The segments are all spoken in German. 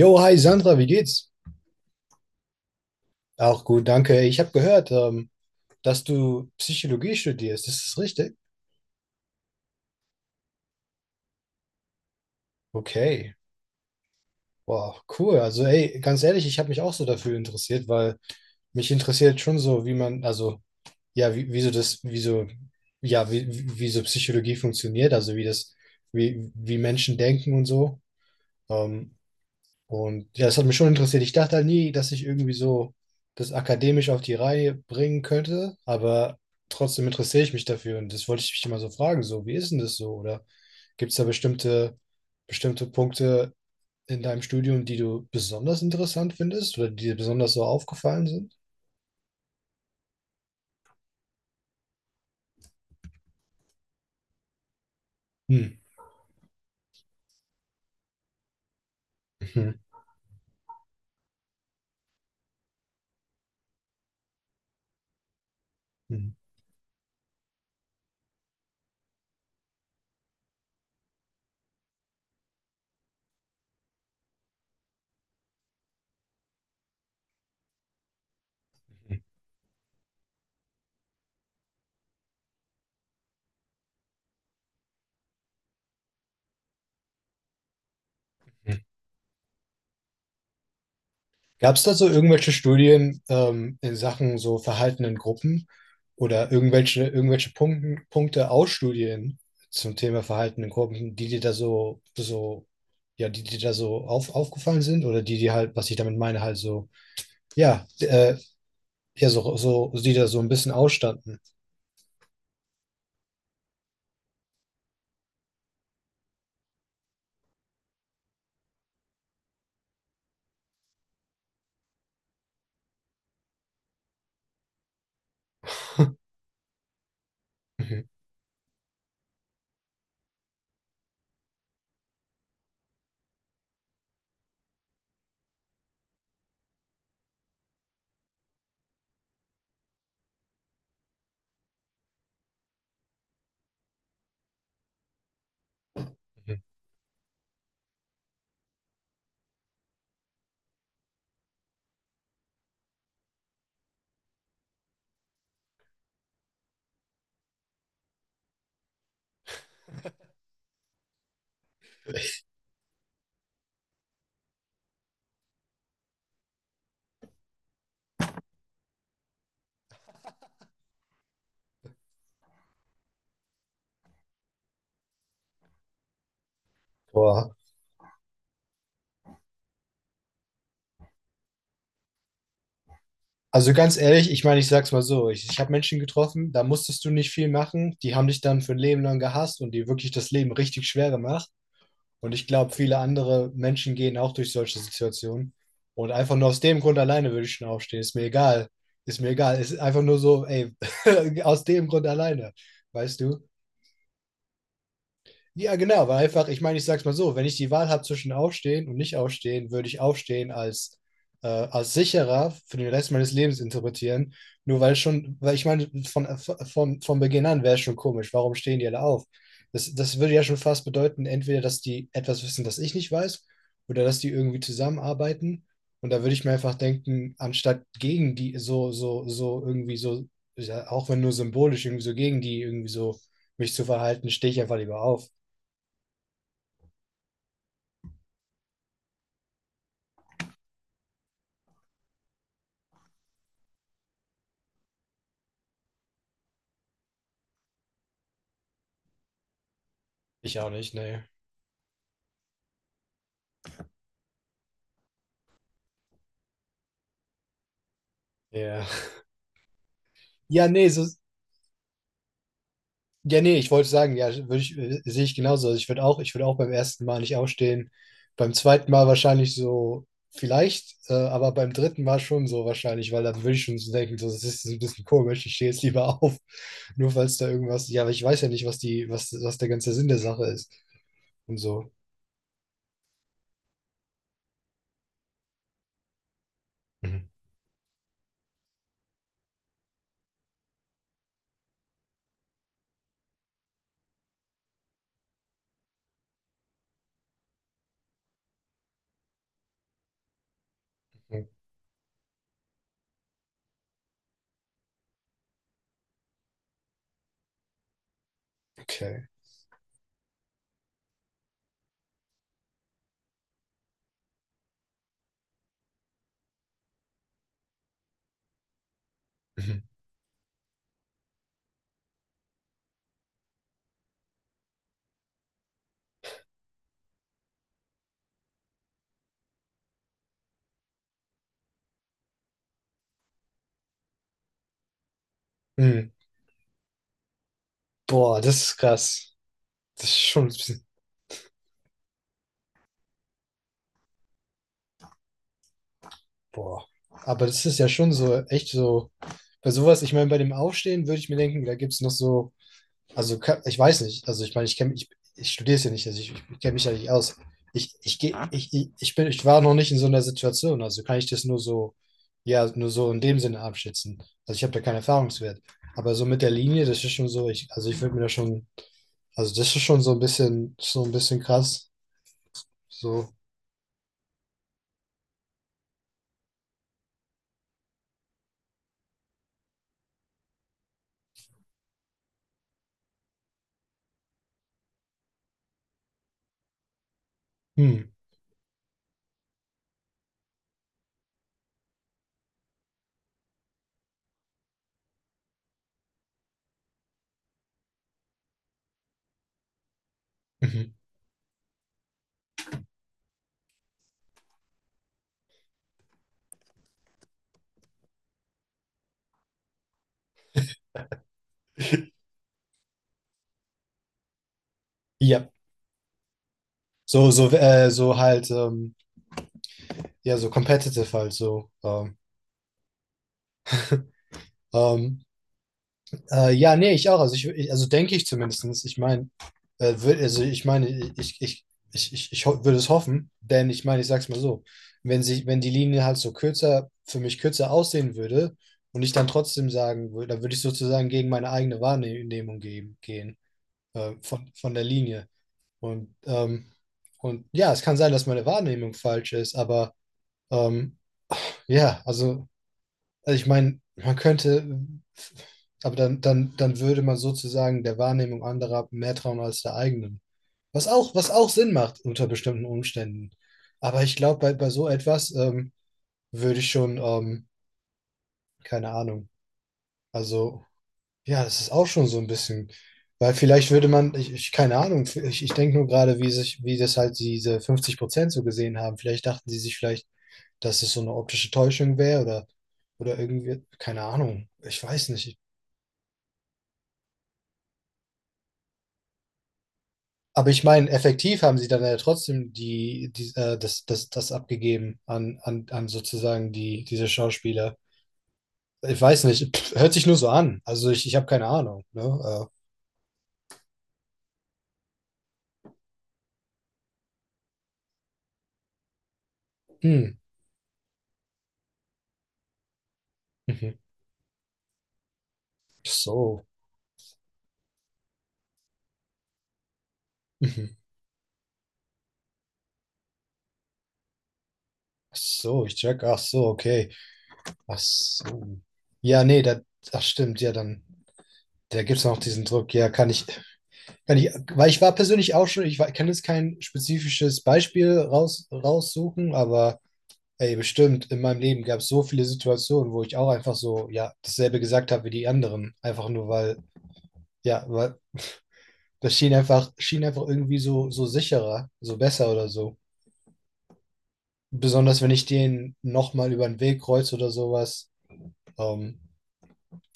Jo, hi Sandra, wie geht's? Auch gut, danke. Ich habe gehört, dass du Psychologie studierst. Ist das richtig? Okay. Wow, cool. Also, ey, ganz ehrlich, ich habe mich auch so dafür interessiert, weil mich interessiert schon so, wie man, also, ja, wie, wie so das, wie so, ja, wie, wie wie so Psychologie funktioniert, also wie Menschen denken und so. Ähm, Und ja, das hat mich schon interessiert. Ich dachte halt nie, dass ich irgendwie so das akademisch auf die Reihe bringen könnte, aber trotzdem interessiere ich mich dafür. Und das wollte ich mich immer so fragen, so, wie ist denn das so? Oder gibt es da bestimmte Punkte in deinem Studium, die du besonders interessant findest oder die dir besonders so aufgefallen sind? Hm. Mhm. Mhm. Gab es da so irgendwelche Studien in Sachen so Verhalten in Gruppen oder irgendwelche Punkten, Punkte aus Studien zum Thema Verhalten in Gruppen, die dir da so, ja, die dir da so aufgefallen sind oder die dir halt, was ich damit meine, halt so, ja, ja, so, die da so ein bisschen ausstanden? Mhm, mhm. Boah. Also ganz ehrlich, ich meine, ich sag's mal so, ich habe Menschen getroffen, da musstest du nicht viel machen, die haben dich dann für ein Leben lang gehasst und dir wirklich das Leben richtig schwer gemacht. Und ich glaube, viele andere Menschen gehen auch durch solche Situationen. Und einfach nur aus dem Grund alleine würde ich schon aufstehen. Ist mir egal. Ist mir egal. Ist einfach nur so, ey, aus dem Grund alleine. Weißt du? Ja, genau, weil einfach, ich meine, ich sag's mal so, wenn ich die Wahl habe zwischen Aufstehen und nicht Aufstehen, würde ich Aufstehen als, als sicherer für den Rest meines Lebens interpretieren. Nur weil schon, weil ich meine, von Beginn an wäre es schon komisch, warum stehen die alle auf? Das würde ja schon fast bedeuten, entweder, dass die etwas wissen, das ich nicht weiß, oder dass die irgendwie zusammenarbeiten. Und da würde ich mir einfach denken, anstatt gegen die so irgendwie so, ja, auch wenn nur symbolisch, irgendwie so gegen die irgendwie so mich zu verhalten, stehe ich einfach lieber auf. Ich auch nicht, ne. Ja. Ja, ne, so, ja, ne, ich wollte sagen, ja, würde ich, sehe ich genauso. Also ich würde auch beim ersten Mal nicht aufstehen. Beim zweiten Mal wahrscheinlich so, vielleicht, aber beim dritten Mal schon so wahrscheinlich, weil dann würde ich schon so denken, so, das ist so ein bisschen komisch, ich stehe jetzt lieber auf. Nur falls da irgendwas, ja, aber ich weiß ja nicht, was die, was der ganze Sinn der Sache ist und so. Mhm. Okay. Mhm. Mhm. Boah, das ist krass. Das ist schon ein bisschen, boah. Aber das ist ja schon so, echt so. Bei sowas, ich meine, bei dem Aufstehen würde ich mir denken, da gibt es noch so, also ich weiß nicht, also ich meine, ich studiere es ja nicht, also ich kenne mich ja nicht aus. Ich, geh, ich bin, Ich war noch nicht in so einer Situation, also kann ich das nur so, ja, nur so in dem Sinne abschätzen. Also ich habe da keinen Erfahrungswert. Aber so mit der Linie, das ist schon so, also ich würde mir da schon, also das ist schon so ein bisschen krass. So, hm, mhm. Ja. So halt, ja, so competitive halt, so, ähm, ja, nee, ich auch. Also, also denke ich zumindest. Ich meine, also ich meine, ich, ich, würde es hoffen, denn ich meine, ich sag's mal so, wenn sich, wenn die Linie halt so kürzer, für mich kürzer aussehen würde und ich dann trotzdem sagen würde, dann würde ich sozusagen gegen meine eigene Wahrnehmung gehen von der Linie. Und, ähm, und ja, es kann sein, dass meine Wahrnehmung falsch ist, aber ähm, ja, also ich meine, man könnte, aber dann würde man sozusagen der Wahrnehmung anderer mehr trauen als der eigenen. Was auch Sinn macht unter bestimmten Umständen. Aber ich glaube, bei, bei so etwas würde ich schon, keine Ahnung. Also, ja, das ist auch schon so ein bisschen, weil vielleicht würde man, ich keine Ahnung, ich denke nur gerade, wie sich, wie das halt diese 50% so gesehen haben. Vielleicht dachten sie sich vielleicht, dass es so eine optische Täuschung wäre oder irgendwie, keine Ahnung. Ich weiß nicht. Aber ich meine, effektiv haben sie dann ja trotzdem das abgegeben an sozusagen diese Schauspieler. Ich weiß nicht, pff, hört sich nur so an. Also ich habe keine Ahnung. Ne? Hm, mhm. So. Mhm. Ach so, ich check. Ach so, okay. Ach so. Ja, nee, da, ach stimmt, ja, dann. Da gibt es noch diesen Druck, ja, kann ich, weil ich war persönlich auch schon, ich war, kann jetzt kein spezifisches Beispiel raussuchen, aber ey, bestimmt, in meinem Leben gab es so viele Situationen, wo ich auch einfach so, ja, dasselbe gesagt habe wie die anderen. Einfach nur, weil, ja, weil das schien einfach irgendwie so, so sicherer, so besser oder so. Besonders wenn ich den nochmal über den Weg kreuze oder sowas. Ähm,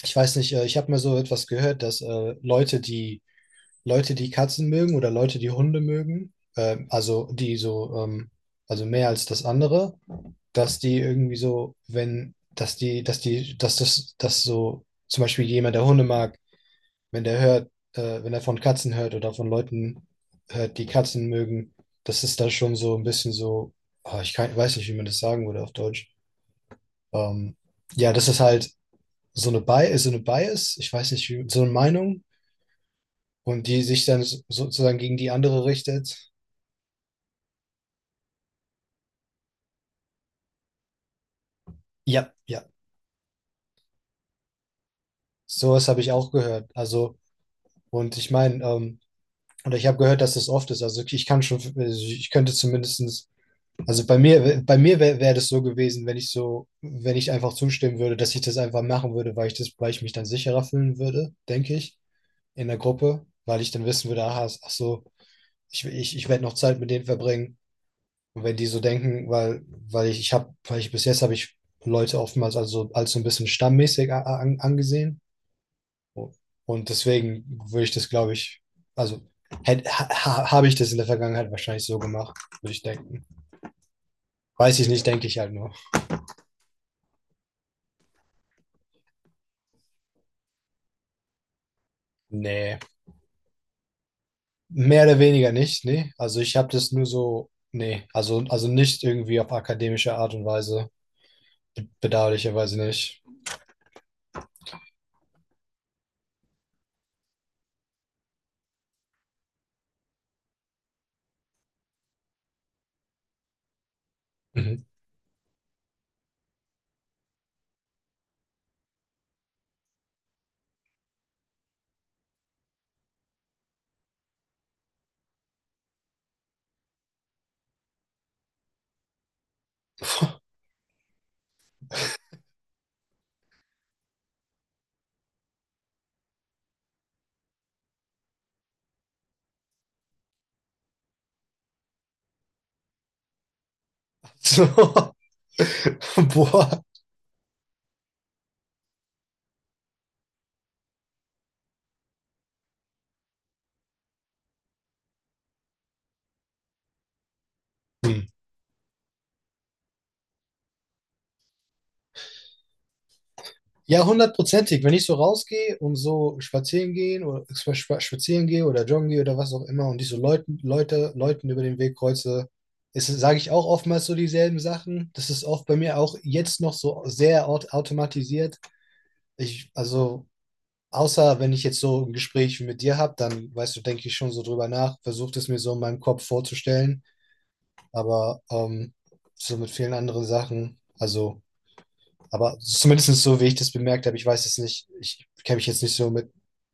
ich weiß nicht, ich habe mal so etwas gehört, dass Leute, die Katzen mögen oder Leute, die Hunde mögen, also die so, also mehr als das andere, dass die irgendwie so, wenn, dass die, dass die, dass das, dass so zum Beispiel jemand, der Hunde mag, wenn der hört, wenn er von Katzen hört oder von Leuten hört, die Katzen mögen, das ist da schon so ein bisschen so, ah, ich kann, weiß nicht, wie man das sagen würde auf Deutsch. Ähm, ja, das ist halt so eine Bias, ich weiß nicht, wie, so eine Meinung und die sich dann sozusagen gegen die andere richtet. Ja, ja, sowas habe ich auch gehört. Also, und ich meine, oder ich habe gehört, dass das oft ist. Also ich kann schon, also ich könnte zumindestens, also bei mir wär das so gewesen, wenn ich so, wenn ich einfach zustimmen würde, dass ich das einfach machen würde, weil ich mich dann sicherer fühlen würde, denke ich, in der Gruppe, weil ich dann wissen würde, aha, ach so, ich werde noch Zeit mit denen verbringen. Und wenn die so denken, weil, weil ich bis jetzt habe ich Leute oftmals also als so ein bisschen stammmäßig angesehen und deswegen würde ich das, glaube ich, also hätt- ha, habe ich das in der Vergangenheit wahrscheinlich so gemacht, würde ich denken. Weiß ich nicht, denke ich halt nur. Nee, mehr oder weniger nicht, nee. Also ich habe das nur so, nee, also nicht irgendwie auf akademische Art und Weise, bedauerlicherweise nicht. Mhm. So. Boah. Hm. Ja, hundertprozentig. Wenn ich so rausgehe und so spazieren gehe oder joggen gehe oder was auch immer und ich so Leuten über den Weg kreuze, sage ich auch oftmals so dieselben Sachen. Das ist oft bei mir auch jetzt noch so sehr automatisiert. Ich, also, außer wenn ich jetzt so ein Gespräch mit dir habe, dann, weißt du, denke ich schon so drüber nach, versuche es mir so in meinem Kopf vorzustellen, aber so mit vielen anderen Sachen. Also aber zumindest so, wie ich das bemerkt habe, ich weiß es nicht, ich kenne mich jetzt nicht so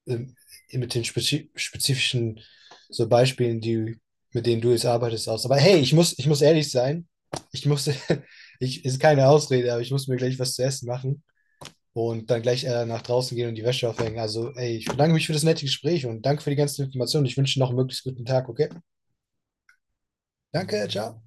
ähm, mit den spezifischen so Beispielen, die, mit denen du jetzt arbeitest, aus. Aber hey, ich muss ehrlich sein, ich muss, ich, ist keine Ausrede, aber ich muss mir gleich was zu essen machen und dann gleich nach draußen gehen und die Wäsche aufhängen. Also, ey, ich bedanke mich für das nette Gespräch und danke für die ganzen Informationen. Ich wünsche dir noch einen möglichst guten Tag, okay? Danke, ciao.